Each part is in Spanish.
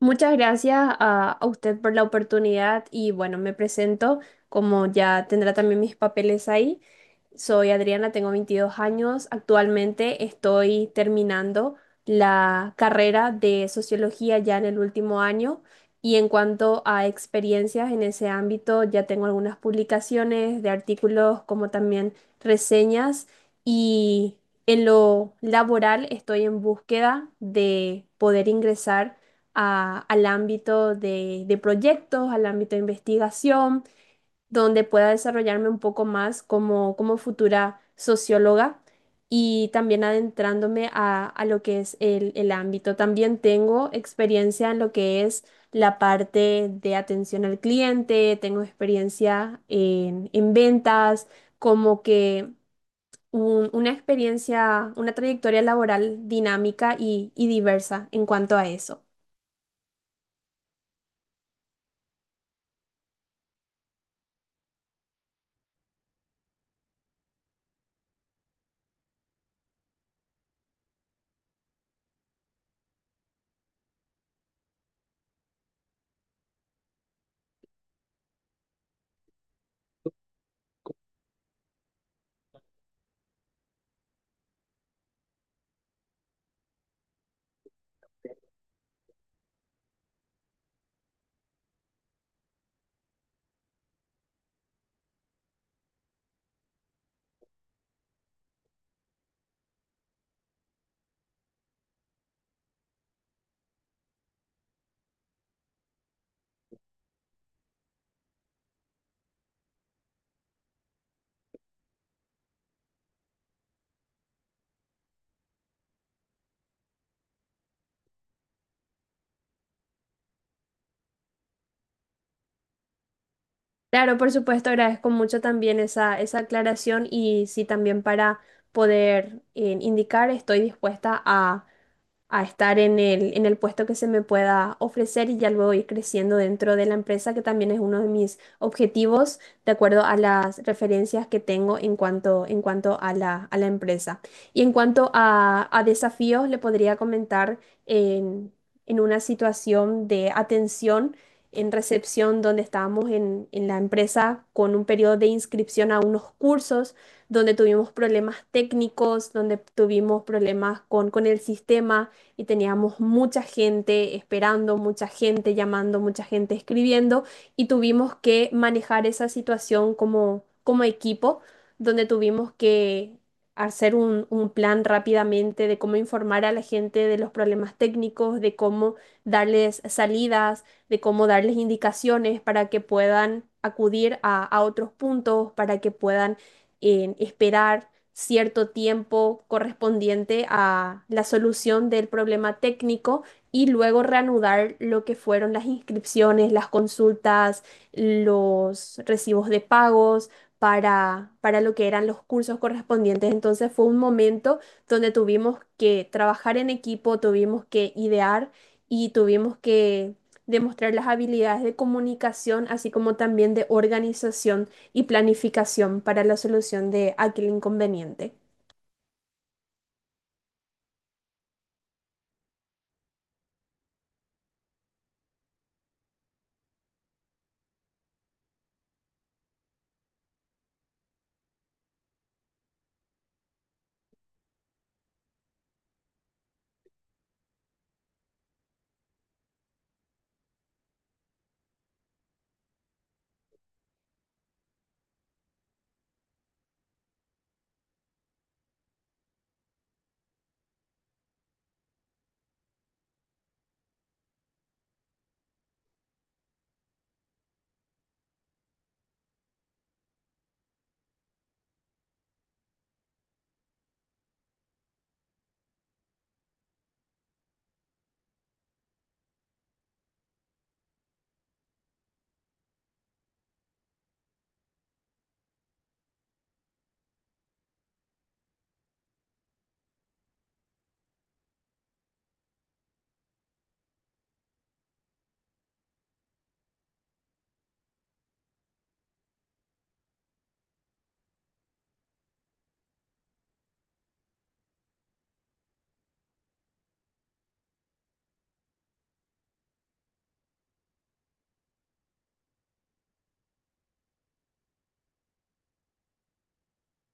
Muchas gracias a usted por la oportunidad y bueno, me presento como ya tendrá también mis papeles ahí. Soy Adriana, tengo 22 años. Actualmente estoy terminando la carrera de sociología ya en el último año y en cuanto a experiencias en ese ámbito, ya tengo algunas publicaciones de artículos como también reseñas y en lo laboral estoy en búsqueda de poder ingresar al ámbito de proyectos, al ámbito de investigación donde pueda desarrollarme un poco más como futura socióloga y también adentrándome a lo que es el ámbito. También tengo experiencia en lo que es la parte de atención al cliente, tengo experiencia en ventas, como que una experiencia, una trayectoria laboral dinámica y diversa en cuanto a eso. Claro, por supuesto, agradezco mucho también esa aclaración y sí, también para poder indicar, estoy dispuesta a estar en el puesto que se me pueda ofrecer y ya luego ir creciendo dentro de la empresa, que también es uno de mis objetivos, de acuerdo a las referencias que tengo en cuanto a la empresa. Y en cuanto a desafíos, le podría comentar en, en una situación de atención en recepción donde estábamos en la empresa con un periodo de inscripción a unos cursos donde tuvimos problemas técnicos, donde tuvimos problemas con el sistema, y teníamos mucha gente esperando, mucha gente llamando, mucha gente escribiendo y tuvimos que manejar esa situación como equipo, donde tuvimos que hacer un plan rápidamente de cómo informar a la gente de los problemas técnicos, de cómo darles salidas, de cómo darles indicaciones para que puedan acudir a otros puntos, para que puedan esperar cierto tiempo correspondiente a la solución del problema técnico y luego reanudar lo que fueron las inscripciones, las consultas, los recibos de pagos para lo que eran los cursos correspondientes. Entonces fue un momento donde tuvimos que trabajar en equipo, tuvimos que idear y tuvimos que demostrar las habilidades de comunicación, así como también de organización y planificación para la solución de aquel inconveniente.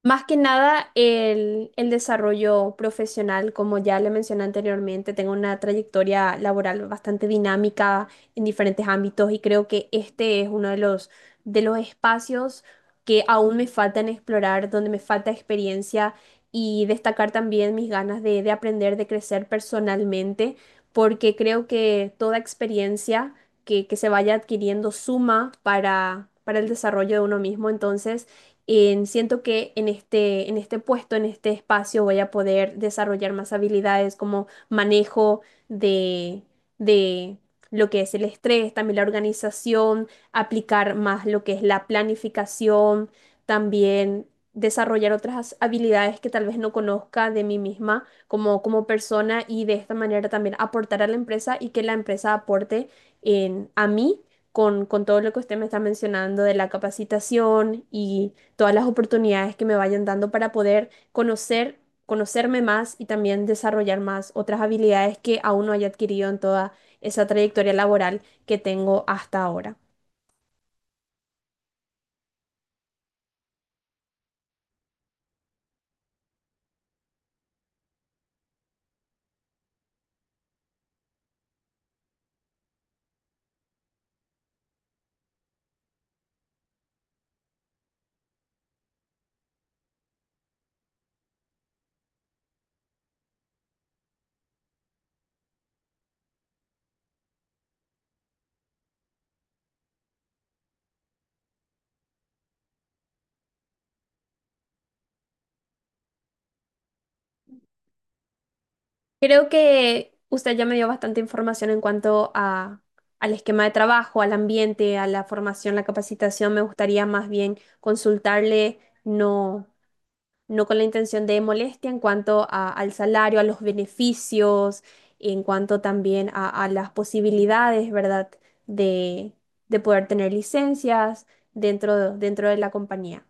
Más que nada el desarrollo profesional, como ya le mencioné anteriormente, tengo una trayectoria laboral bastante dinámica en diferentes ámbitos y creo que este es uno de los espacios que aún me faltan explorar, donde me falta experiencia y destacar también mis ganas de aprender, de crecer personalmente, porque creo que toda experiencia que se vaya adquiriendo suma para el desarrollo de uno mismo. Entonces, siento que en este puesto, en este espacio, voy a poder desarrollar más habilidades como manejo de, de lo que es el estrés, también la organización, aplicar más lo que es la planificación, también desarrollar otras habilidades que tal vez no conozca de mí misma como persona y de esta manera también aportar a la empresa y que la empresa aporte en, a mí con todo lo que usted me está mencionando de la capacitación y todas las oportunidades que me vayan dando para poder conocer, conocerme más y también desarrollar más otras habilidades que aún no haya adquirido en toda esa trayectoria laboral que tengo hasta ahora. Creo que usted ya me dio bastante información en cuanto a, al esquema de trabajo, al ambiente, a la formación, la capacitación. Me gustaría más bien consultarle, no, no con la intención de molestia en cuanto al salario, a los beneficios, en cuanto también a las posibilidades, ¿verdad? De, de poder tener licencias dentro de la compañía.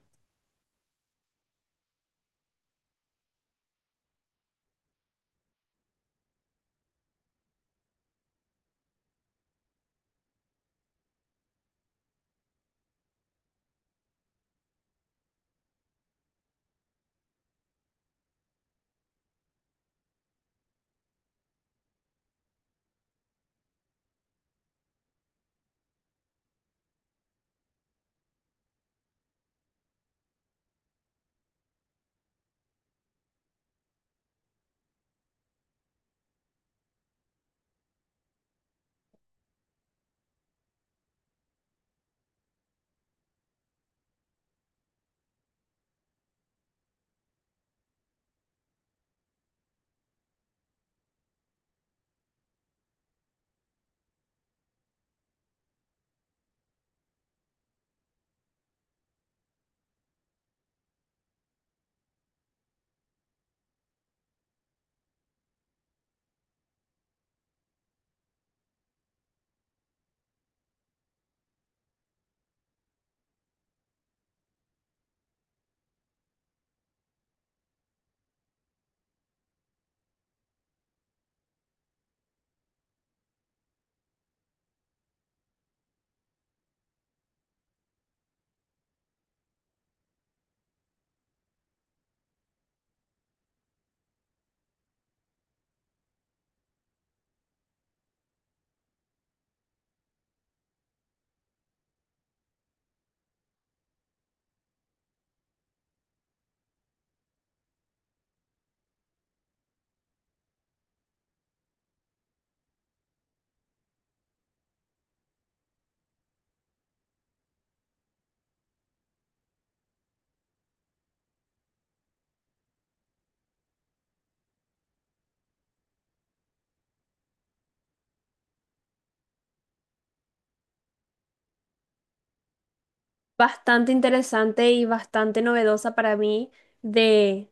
Bastante interesante y bastante novedosa para mí de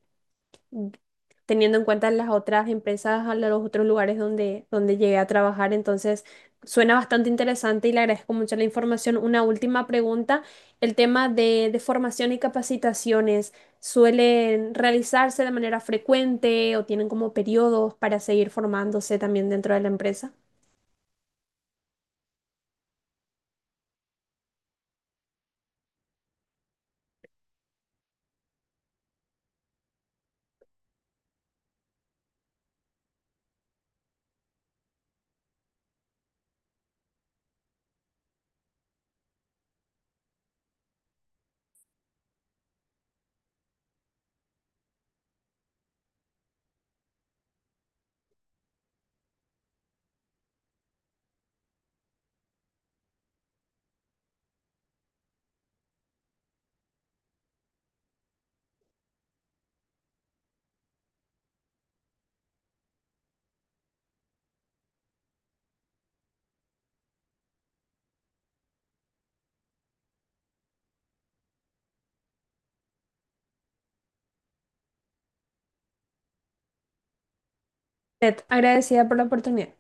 mm, teniendo en cuenta las otras empresas, a los otros lugares donde, donde llegué a trabajar. Entonces, suena bastante interesante y le agradezco mucho la información. Una última pregunta, el tema de formación y capacitaciones, ¿suelen realizarse de manera frecuente o tienen como periodos para seguir formándose también dentro de la empresa? Ted, agradecida por la oportunidad.